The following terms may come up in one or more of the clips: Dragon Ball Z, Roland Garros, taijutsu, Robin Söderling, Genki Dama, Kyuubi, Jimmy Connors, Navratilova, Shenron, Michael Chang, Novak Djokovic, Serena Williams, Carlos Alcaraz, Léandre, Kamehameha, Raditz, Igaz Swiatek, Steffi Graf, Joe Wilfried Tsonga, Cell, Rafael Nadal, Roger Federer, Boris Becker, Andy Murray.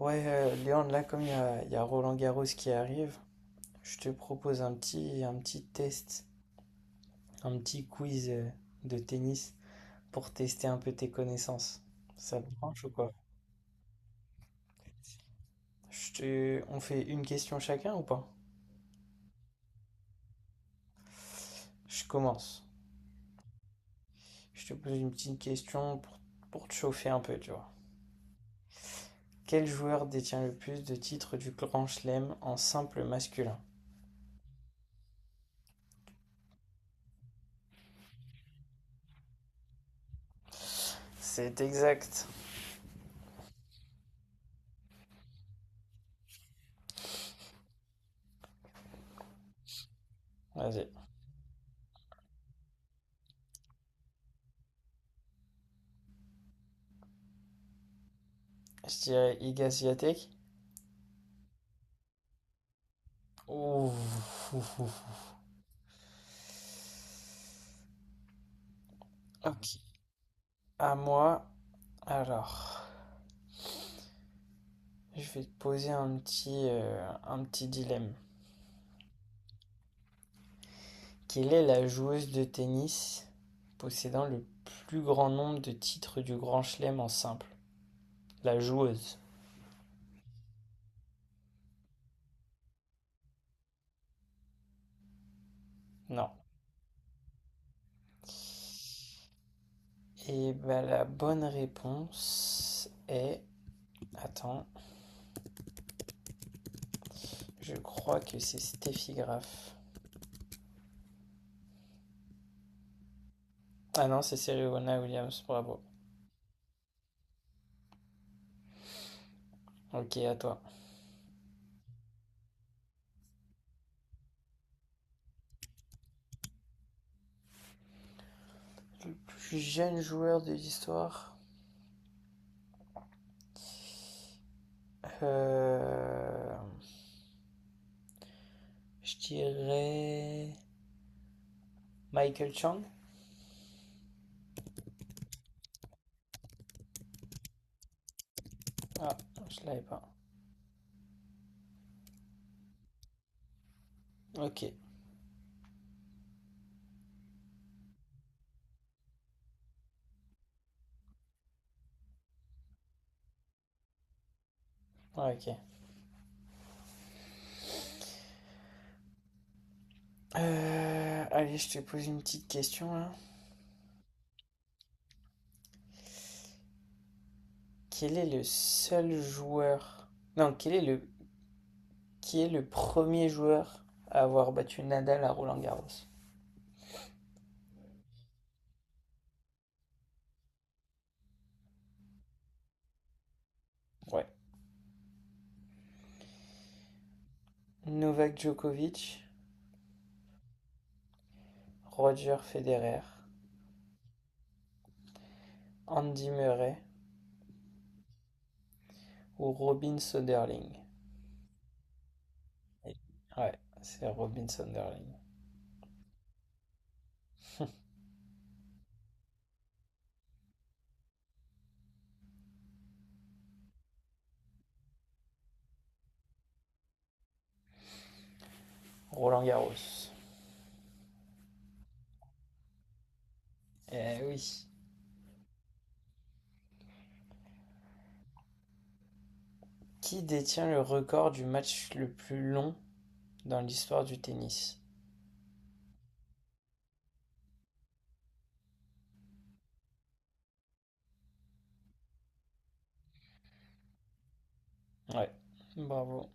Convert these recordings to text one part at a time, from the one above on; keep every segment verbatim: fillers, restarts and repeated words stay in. Ouais, euh, Léandre, là, comme il y a, il y a Roland Garros qui arrive, je te propose un petit, un petit test, un petit quiz euh, de tennis pour tester un peu tes connaissances. Ça te branche ou quoi? Je te... On fait une question chacun ou pas? Je commence. Je te pose une petite question pour, pour te chauffer un peu, tu vois. Quel joueur détient le plus de titres du Grand Chelem en simple masculin? C'est exact. Vas-y. Je dirais Igaz Swiatek. Ouh. Ok, à moi. Alors, je vais te poser un petit, euh, un petit dilemme. Quelle est la joueuse de tennis possédant le plus grand nombre de titres du Grand Chelem en simple? La joueuse. Non. Et bah, la bonne réponse est... Attends, je crois que c'est Steffi Graf. Ah non, c'est Serena Williams, bravo. Ok, à toi. Le plus jeune joueur de l'histoire. Euh, je dirais Michael Chang. Ah, je l'avais pas. Ok. Ah, ok. Euh, allez, je te pose une petite question là. Quel est le seul joueur... Non, quel est le... qui est le premier joueur à avoir battu Nadal à Roland Garros? Ouais. Novak Djokovic, Roger Federer, Andy Murray ou Robin Söderling. Ouais, c'est Robin Söderling. Roland Garros. Eh oui. Qui détient le record du match le plus long dans l'histoire du tennis? Ouais, bravo.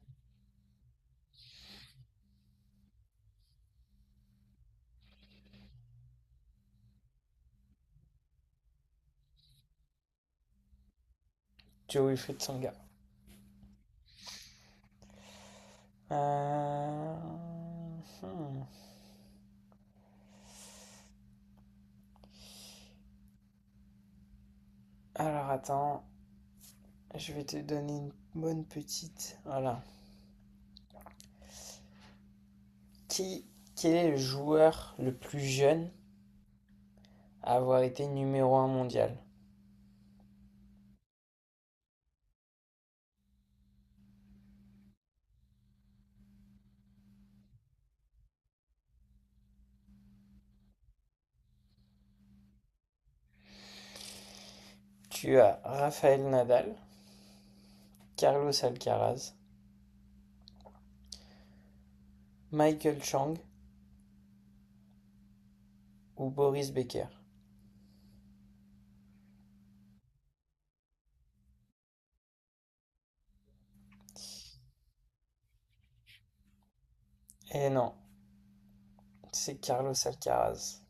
Joe Wilfried Tsonga. Euh, hmm. Alors attends, je vais te donner une bonne petite. Voilà. Qui, quel est le joueur le plus jeune à avoir été numéro un mondial? Tu as Rafael Nadal, Carlos Alcaraz, Michael Chang ou Boris Becker? Eh non, c'est Carlos Alcaraz.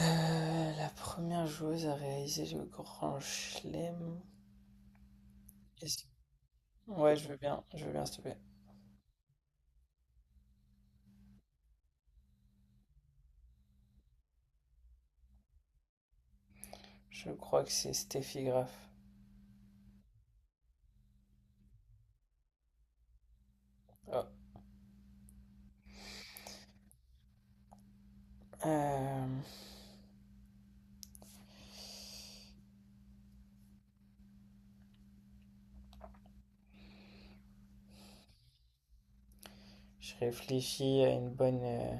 Heu, la première joueuse à réaliser le Grand Chelem, est-ce ouais, je veux bien, je veux bien, s'il te plaît. Je crois que c'est Steffi Graf. Oh, hem, je réfléchis à une bonne. heu,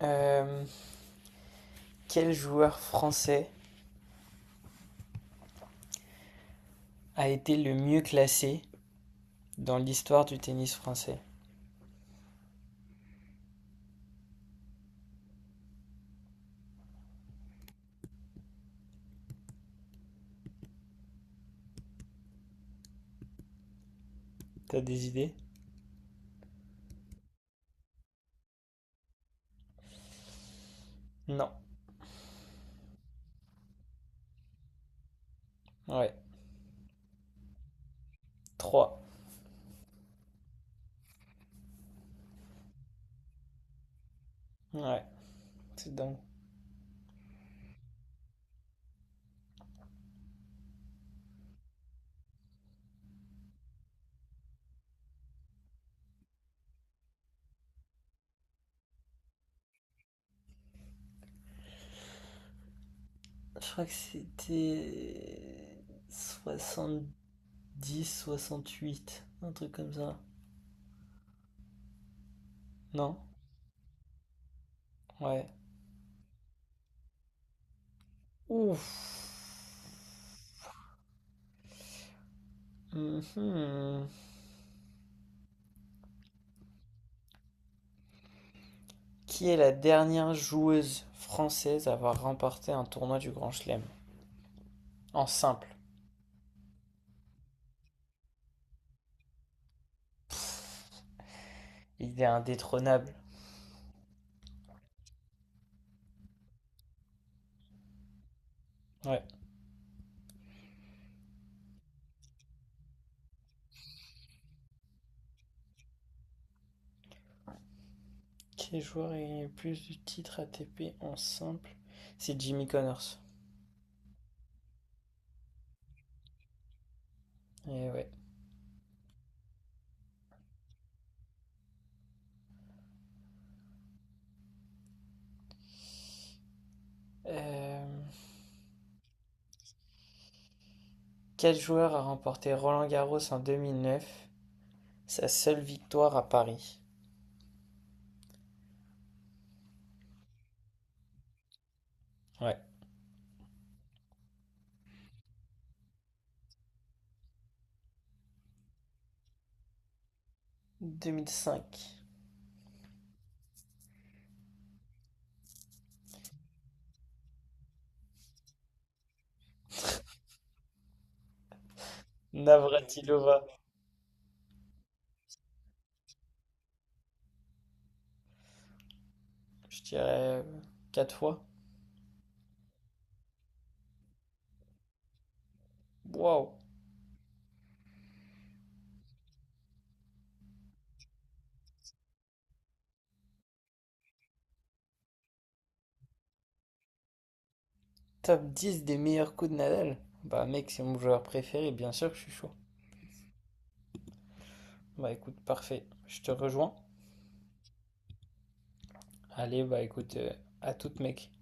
hem, quel joueur français a été le mieux classé dans l'histoire du tennis français? T'as des idées? Non. Ouais, trois. Ouais, c'est dingue. Je crois que c'était soixante-dix soixante-huit, un truc comme ça. Non? Ouais. Ouf. Mhm. Qui est la dernière joueuse française à avoir remporté un tournoi du Grand Chelem? En simple. Il est indétrônable. Ouais. Quel joueur a gagné le plus de titres A T P en simple? C'est Jimmy Connors. Et ouais. Euh, Quel joueur a remporté Roland-Garros en deux mille neuf. Sa seule victoire à Paris. Ouais. Deux mille cinq. Navratilova. Je dirais euh, quatre fois. Waouh. Top dix des meilleurs coups de Nadal? Bah mec, c'est mon joueur préféré, bien sûr que je suis chaud. Bah écoute, parfait, je te rejoins. Allez, bah écoute, euh, à toute mec.